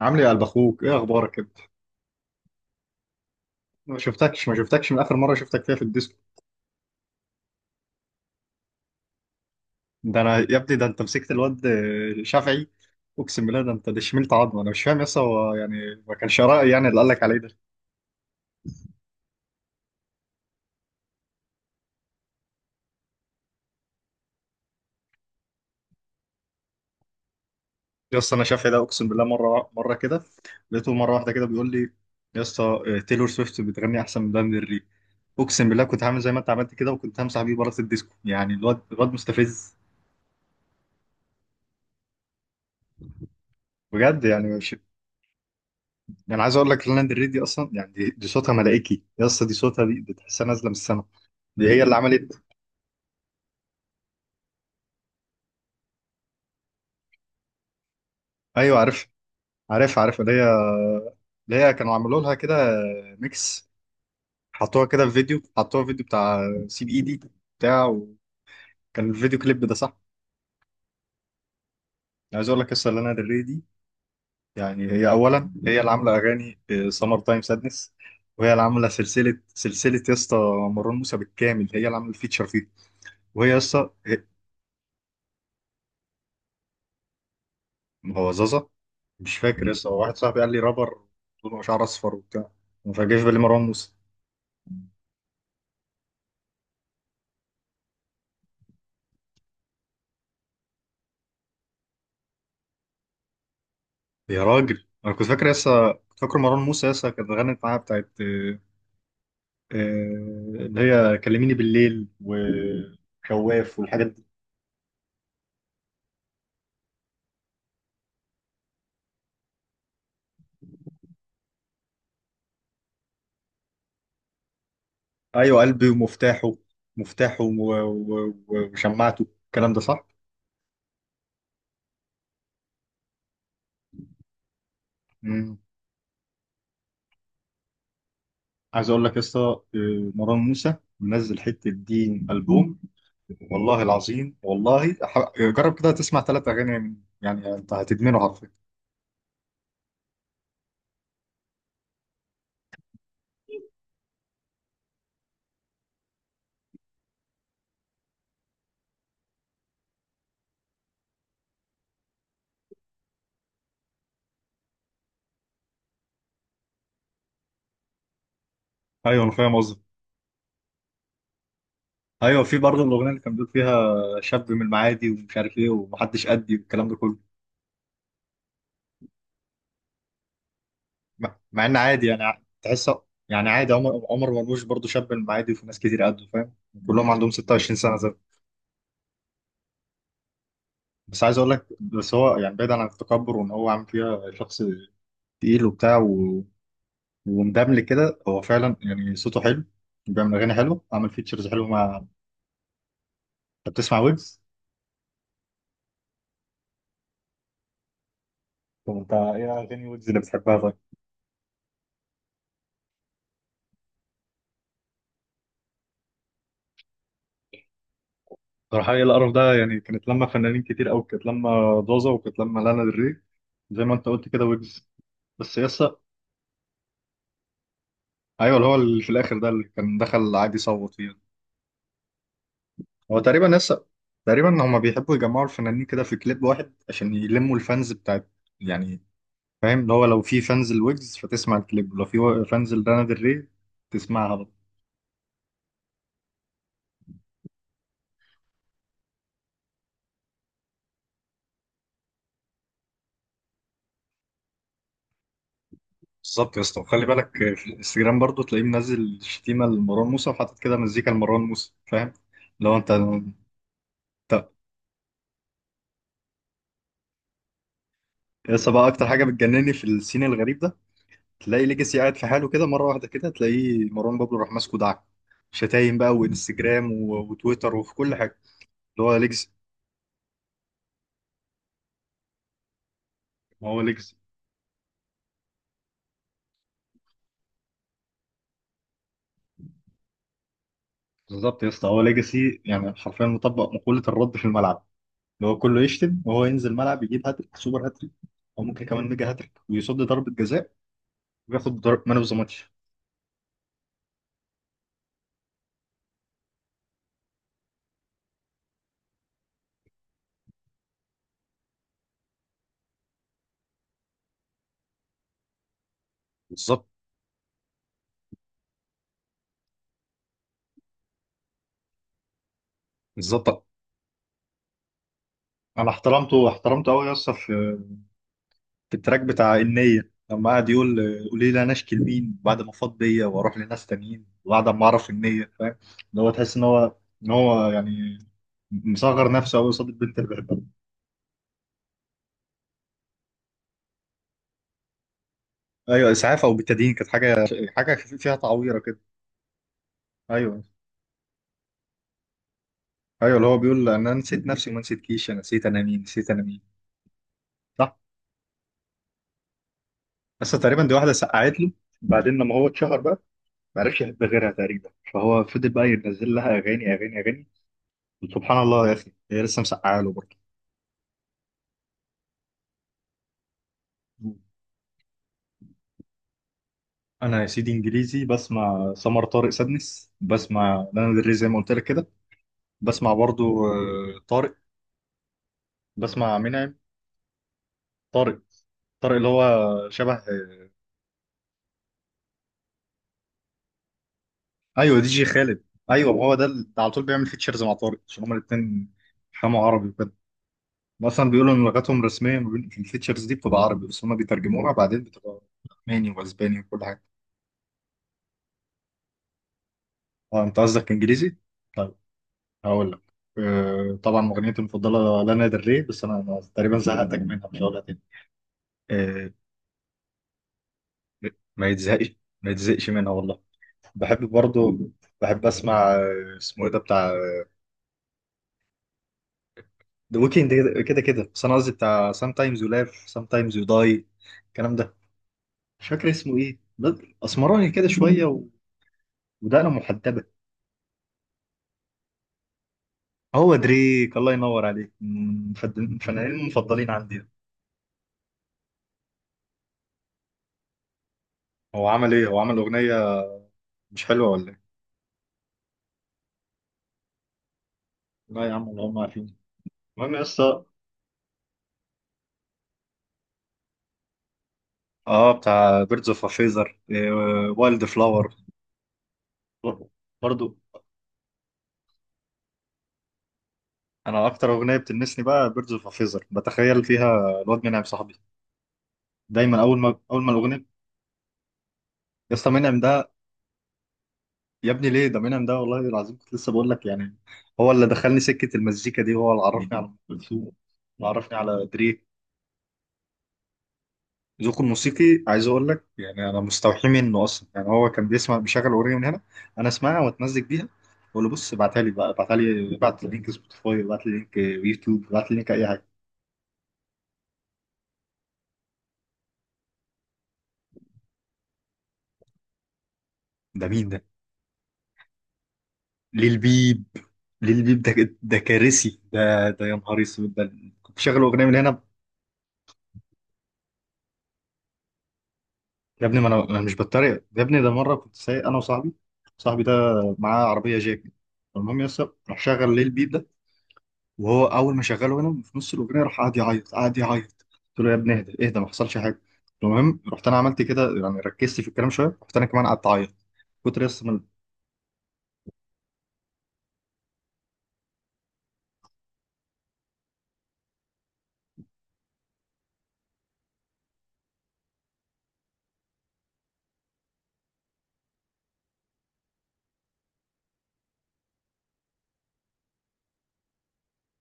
عامل ايه يا قلب اخوك، ايه اخبارك انت؟ ما شفتكش من اخر مره شفتك فيها في الديسكو. ده انا يا ابني ده انت مسكت الواد شافعي. اقسم بالله، ده انت ده شملت عظمه. انا مش فاهم يس، هو يعني ما كانش رأي يعني اللي قال لك عليه ده؟ يس انا شافعي ده، اقسم بالله مره مره كده لقيته مره واحده كده بيقول لي: يس، تايلور سويفت بتغني احسن من لانا ديل ري. اقسم بالله كنت هعمل زي ما انت عملت كده، وكنت همسح بيه بره الديسكو. يعني الواد مستفز. بجد يعني مش، يعني عايز اقول لك، لانا ديل ري دي اصلا يعني دي صوتها ملائكي يس. دي صوتها، دي تحسها نازله من السما. دي هي اللي عملت. ايوه عارف عارف اللي هي كانوا عملوا لها كده ميكس، حطوها كده في فيديو، حطوها في فيديو بتاع سي بي اي دي، بتاع، وكان الفيديو كليب ده، صح؟ عايز اقول لك قصه لانا دل ري دي. يعني هي اولا هي اللي عامله اغاني سمر تايم سادنس، وهي اللي عامله سلسله سلسله يا اسطى مروان موسى بالكامل. هي اللي عامله الفيتشر فيه، وهي يا اسطى هو زازا. مش فاكر يا اسطى، واحد صاحبي قال لي رابر طوله شعر اصفر وبتاع، ما فاجئش بالي مروان موسى. يا راجل انا كنت فاكر مروان موسى يسا كانت غنت معاها بتاعت آه، اللي هي كلميني بالليل وخواف والحاجات دي. ايوه قلبي ومفتاحه، مفتاحه وشماعته، الكلام ده صح؟ مم. عايز اقول لك يسا مروان موسى منزل حته دين البوم، والله العظيم والله، جرب كده تسمع ثلاث اغاني يعني انت هتدمنه حرفيا. ايوه انا فاهم قصدك. ايوه، في برضه الاغنيه اللي كان بيقول فيها شاب من المعادي ومش عارف ايه ومحدش قدي والكلام ده كله. مع ان عادي يعني، تحس يعني عادي. عمر مرموش برضه شاب من المعادي، وفي ناس كتير قده، فاهم، كلهم عندهم 26 سنه زي. بس عايز اقول لك، بس هو يعني بعيدا عن التكبر وان هو عامل فيها شخص تقيل وبتاع و، ومدمل كده، هو فعلا يعني صوته حلو، بيعمل اغاني حلوه، عامل فيتشرز حلوه مع. انت بتسمع ويجز؟ طب انت ايه اغاني ويجز اللي بتحبها طيب؟ صراحة ايه القرف ده يعني، كانت لما فنانين كتير قوي، كانت لما دوزة، وكانت لما لانا دري زي ما انت قلت كده ويجز. بس يسا، ايوه اللي هو اللي في الاخر ده اللي كان دخل عادي يصوت فيه. هو تقريبا يسا، تقريبا هما بيحبوا يجمعوا الفنانين كده في كليب واحد عشان يلموا الفانز بتاعت يعني، فاهم؟ اللي هو لو في فانز الويجز فتسمع الكليب، ولو في فانز لانا دري تسمعها برضه. بالظبط يا اسطى، وخلي بالك، في الانستجرام برضه تلاقيه منزل شتيمه لمروان موسى وحاطط كده مزيكا لمروان موسى، فاهم؟ لو انت يس بقى اكتر حاجه بتجنني في السين الغريب ده، تلاقي ليجاسي قاعد في حاله كده، مره واحده كده تلاقيه مروان بابلو راح ماسكه دعك شتايم بقى وانستجرام وتويتر وفي كل حاجه. اللي هو ليجاسي، ما هو ليجاسي. بالظبط يا اسطى، هو ليجاسي يعني حرفيا مطبق مقوله الرد في الملعب، اللي هو كله يشتم وهو ينزل الملعب يجيب هاتريك سوبر هاتريك، او ممكن كمان ميجا هاتريك ويصد ضربه جزاء وياخد مان اوف ذا ماتش. بالظبط بالظبط. انا احترمته قوي يا اسطى، في في التراك بتاع النية لما قعد يقول قولي لي انا اشكي لمين بعد ما فاض بيا واروح لناس تانيين وبعد ما اعرف النية، فاهم؟ اللي هو تحس ان هو يعني مصغر نفسه قوي قصاد البنت اللي بيحبها. ايوه اسعاف، او بالتدين كانت حاجه فيها تعويره كده. ايوه. ايوه اللي هو بيقول: انا نسيت نفسي وما نسيتكيش، انا نسيت انا مين، نسيت انا مين. صح. بس تقريبا دي واحده سقعت له، بعدين لما هو اتشهر بقى ما عرفش يحب غيرها تقريبا، فهو فضل بقى ينزل لها اغاني اغاني اغاني. وسبحان الله يا اخي، هي لسه مسقعه له. برضه، انا يا سيدي انجليزي بسمع سمر طارق سادنس، بسمع لانا دري زي ما قلت لك كده. بسمع برضو طارق، بسمع منعم. طارق، طارق اللي هو شبه ايوه دي جي خالد، ايوه ما هو ده اللي على طول بيعمل فيتشرز مع طارق عشان هما الاثنين بيفهموا عربي وكده. مثلا بيقولوا ان لغتهم الرسميه ما بين الفيتشرز دي بتبقى عربي، بس هما بيترجموها بعدين بتبقى الماني واسباني وكل حاجه. اه، انت قصدك انجليزي؟ طيب، هقول لك. طبعا مغنيتي المفضله لانا دري. بس انا تقريبا زهقتك منها، مش هقولها تاني. آه، ما يتزهقش، ما يتزهقش منها والله. بحب برضه، بحب اسمع اسمه ايه ده بتاع ذا ويكند. كده كده. بس انا قصدي بتاع سام تايمز يو لاف سام تايمز يو داي، الكلام ده، مش فاكر اسمه ايه ده. اسمراني كده شويه ودقنه محدبه. هو دريك، الله ينور عليك، من من الفنانين المفضلين عندي ده. هو عمل ايه؟ هو عمل اغنيه مش حلوه ولا ايه؟ لا يا عم، اللي هم عارفين. المهم يا اسطى. اه، بتاع بيردز اوف فيزر وايلد فلاور. برضه انا اكتر اغنيه بتلمسني بقى بيردز اوف فيزر، بتخيل فيها الواد منعم صاحبي دايما، اول ما الاغنيه. يا اسطى منعم ده. يا ابني ليه؟ ده منعم ده والله العظيم كنت لسه بقول لك يعني، هو اللي دخلني سكه المزيكا دي، هو اللي عرفني على ام كلثوم، اللي عرفني على دري. ذوقه الموسيقي عايز اقول لك، يعني انا مستوحي منه اصلا. يعني هو كان بيسمع، بيشغل اغنيه من هنا، انا اسمعها واتمزج بيها. بقول له بص ابعتها لي بقى، ابعتها لي، ابعت لي لينك سبوتيفاي، ابعت لي لينك يوتيوب، ابعت لي لينك اي حاجه. ده مين ده؟ للبيب للبيب. ده كارثي، ده يا نهار اسود ده. كنت شغال اغنيه من هنا. يا ابني ما انا مش بتريق، يا ابني ده مره كنت سايق انا وصاحبي، صاحبي ده معاه عربيه جاك. المهم يس راح شغل للبيب ده، وهو اول ما شغله هنا في نص الاغنيه راح قعد يعيط. قلت له يا ابني اهدى اهدى ما حصلش حاجه. المهم رحت انا عملت كده يعني، ركزت في الكلام شويه، رحت انا كمان قعدت اعيط كتر يس من.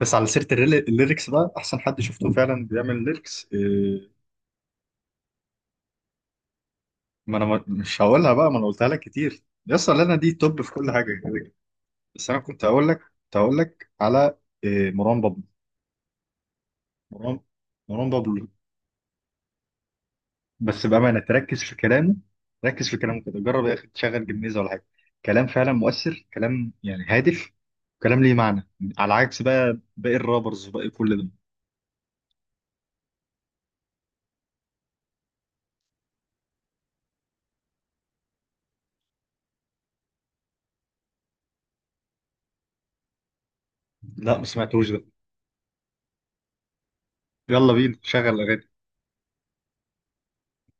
بس على سيره الليركس بقى، احسن حد شفته فعلا بيعمل ليركس ما انا مش هقولها بقى، ما انا قلتها لك كتير يس، لنا دي توب في كل حاجه كده كده. بس انا كنت هقول لك على إيه، مروان بابلو مروان مروان بابلو. بس بامانه تركز في كلامه، ركز في كلامه كده، جرب يا اخي تشغل جميزه ولا حاجه. كلام فعلا مؤثر، كلام يعني هادف، كلام ليه معنى، على عكس بقى باقي الرابرز وباقي كل ده. لا ما سمعتوش ده. يلا بينا شغل اغاني.